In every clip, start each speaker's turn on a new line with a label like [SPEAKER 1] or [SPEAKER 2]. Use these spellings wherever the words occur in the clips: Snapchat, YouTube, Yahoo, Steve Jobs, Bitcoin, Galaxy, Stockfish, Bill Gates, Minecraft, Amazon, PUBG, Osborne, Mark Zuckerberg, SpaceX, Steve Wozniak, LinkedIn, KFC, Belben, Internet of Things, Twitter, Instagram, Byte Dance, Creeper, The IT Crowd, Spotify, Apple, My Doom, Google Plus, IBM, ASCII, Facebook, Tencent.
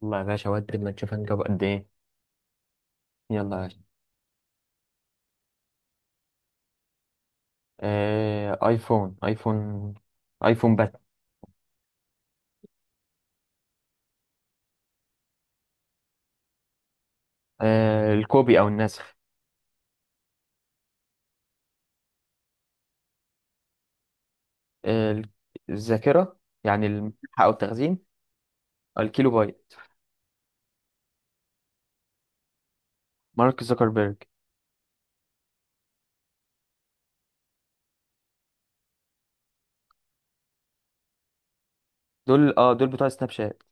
[SPEAKER 1] والله يا باشا، ودي ما تشوف هنجيب قد ايه. يلا يا باشا. ايفون ايفون. ايفون بس. الكوبي او النسخ. آه ال- الذاكرة يعني المساحة او التخزين. الكيلو بايت. مارك زوكربيرج. دول بتوع سناب شات.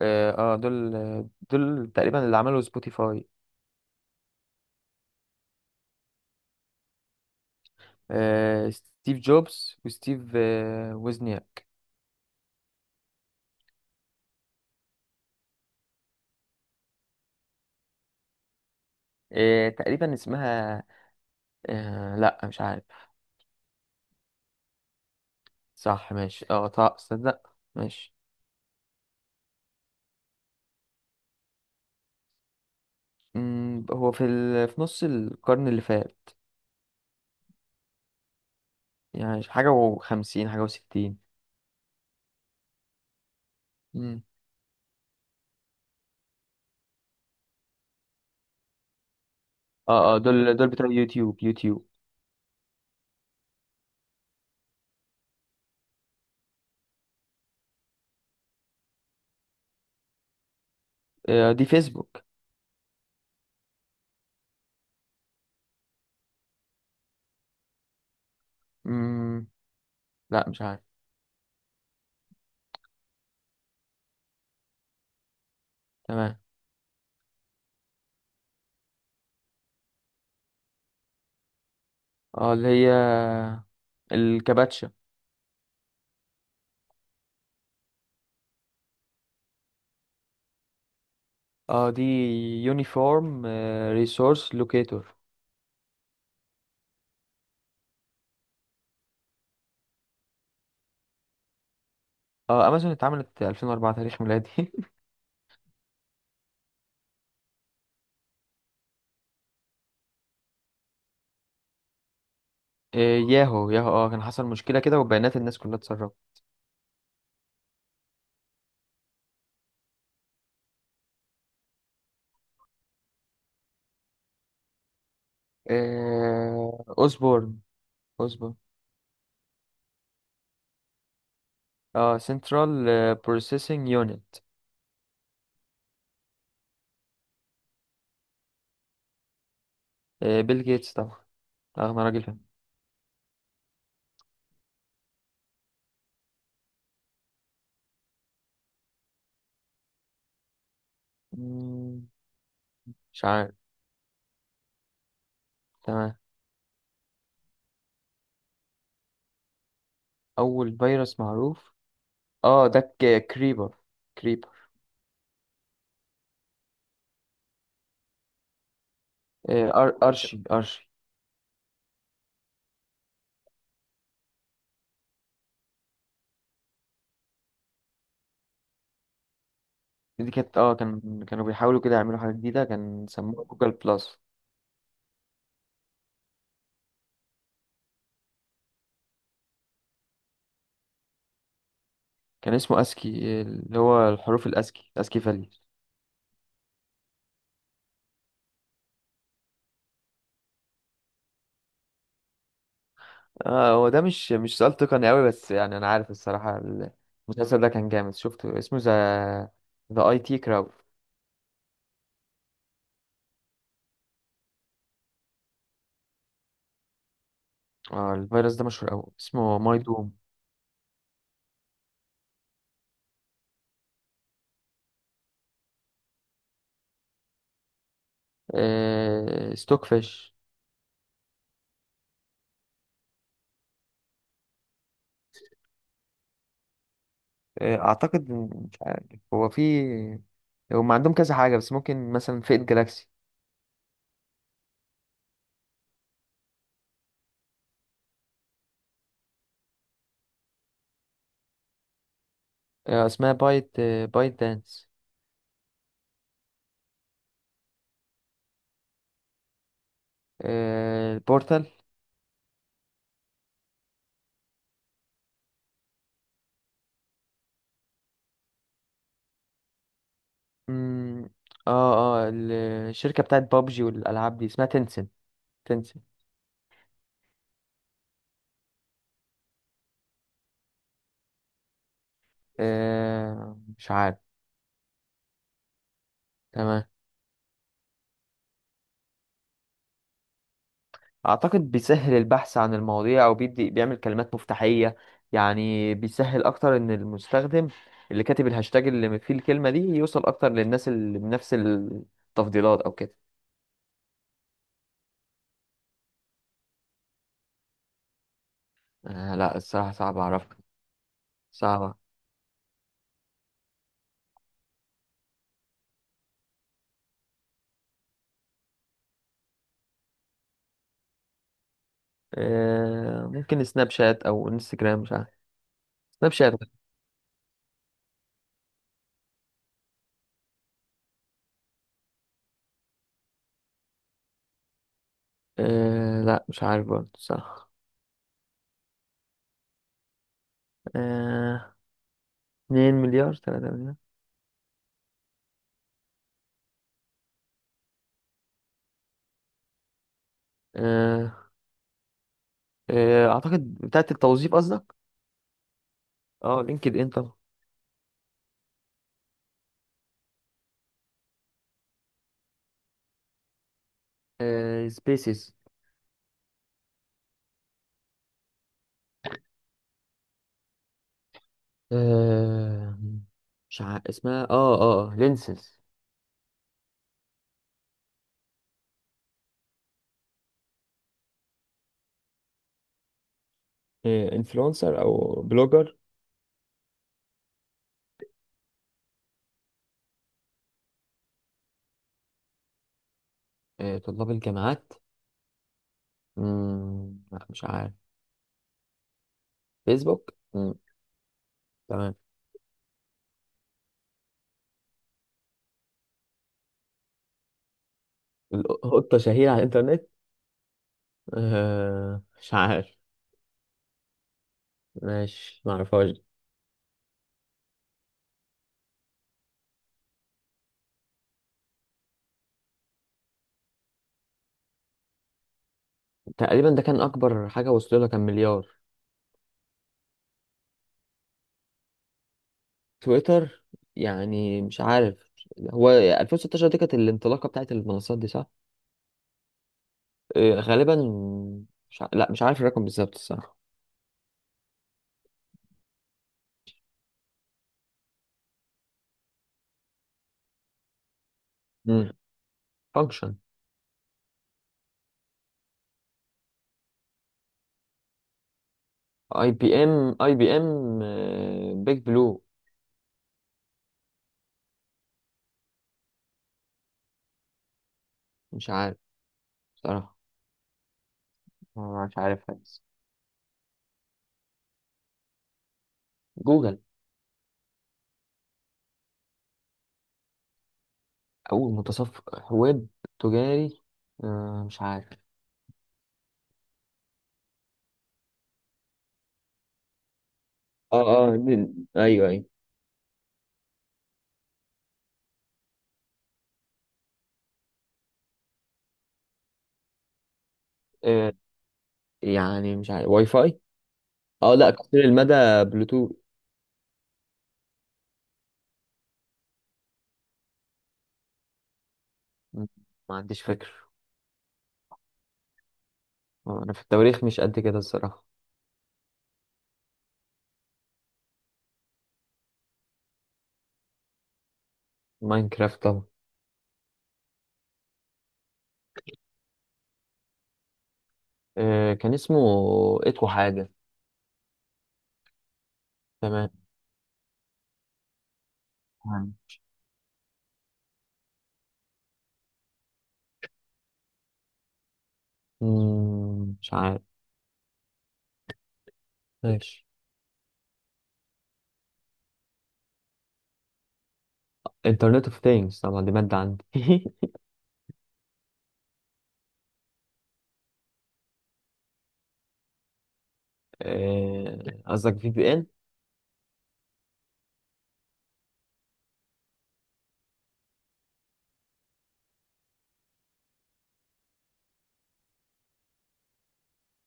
[SPEAKER 1] دول تقريبا اللي عملوا سبوتيفاي. ستيف جوبز وستيف وزنياك. تقريبا اسمها. لا مش عارف. صح ماشي، طه صدق ماشي. مم، هو في نص القرن اللي فات. يعني حاجة وخمسين، حاجة وستين. مم. اه دول بتوع يوتيوب يوتيوب. دي فيسبوك. مم. لا مش عارف. تمام. اه اللي هي الكباتشا. اه دي يونيفورم ريسورس لوكيتور. اه امازون اتعملت 2004 تاريخ ميلادي. ياهو ياهو، كان حصل مشكلة كده وبيانات الناس كلها اتسربت. اوسبورن. اوسبورن. اه سنترال بروسيسنج يونت. بيل جيتس طبعا. أغنى راجل في. مم، مش عارف. تمام. أول فيروس معروف. كريبر. كريبر. آه، أر أرشي أرشي. دي كانت، كانوا بيحاولوا كده يعملوا حاجة جديدة، كان سموه جوجل بلس. كان اسمه أسكي، اللي هو الحروف الأسكي، أسكي فاليو. اه هو ده مش سؤال تقني أوي، بس يعني أنا عارف الصراحة. المسلسل ده كان جامد شفته، اسمه ذا، أي تي كراود. اه الفيروس ده مشهور أوي، اسمه ماي دوم. ستوك فيش. اعتقد مش عارف. هو في. هم عندهم كذا حاجه، بس ممكن مثلا فئه جالاكسي. اسمها بايت دانس. البورتال. مم، اه اه ال- الشركه بتاعت بابجي والالعاب دي اسمها تنسن. تنسن. مش عارف. تمام. اعتقد بيسهل البحث عن المواضيع او بيدي بيعمل كلمات مفتاحيه. يعني بيسهل اكتر ان المستخدم اللي كاتب الهاشتاج اللي فيه الكلمه دي يوصل اكتر للناس اللي بنفس التفضيلات او كده. لا الصراحة صعب أعرفها. صعبة. ممكن سناب شات أو انستجرام، مش عارف. سناب شات. لا مش عارف برضه، صح. آه 2 مليار، 3 مليار. آه أعتقد بتاعت التوظيف قصدك. اه لينكد إن طبعا. سبيسيس. آه مش عارف اسمها، لينسز. إيه، انفلونسر او بلوجر. طلاب الجامعات. لا مش عارف. فيسبوك، مم. تمام. القطة شهيرة على الإنترنت. مش عارف. ماشي، معرفهاش. تقريبا ده كان أكبر حاجة وصل لها، كان مليار. تويتر. يعني مش عارف. هو 2016 دي كانت الانطلاقة بتاعت المنصات دي، صح؟ غالبا. مش ع... لا مش عارف الرقم بالظبط الصراحة. مم. فانكشن. اي بي ام اي بي ام. بيج بلو. مش عارف. صراحة أنا مش عارفها بس. جوجل. أول متصفح ويب تجاري. مش عارف. اه اه دي- ايوه. ايوه. يعني مش عارف، واي فاي. اه لا قصير المدى، بلوتوث. م- ما عنديش فكرة. انا في التواريخ مش قد كده الصراحة. ماينكرافت طبعا. كان اسمه اتو حاجة. تمام. تمام. مش عارف. ماشي. انترنت اوف ثينجز طبعا، دي مادة عندي. قصدك في بي ان.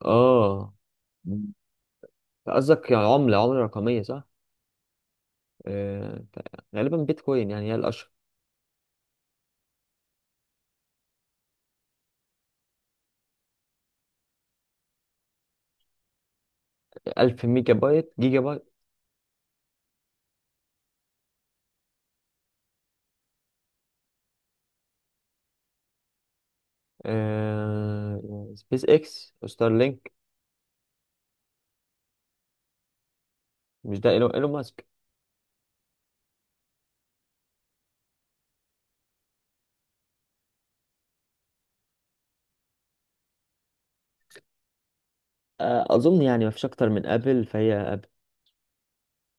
[SPEAKER 1] اه مم. قصدك يعني عملة رقمية صح. آه، غالبا بيتكوين، يعني هي الأشهر. 1000 ميجا بايت، جيجا بايت. سبيس اكس وستار لينك. مش ده إيلون ماسك. اظن يعني ما فيش اكتر من ابل، فهي ابل.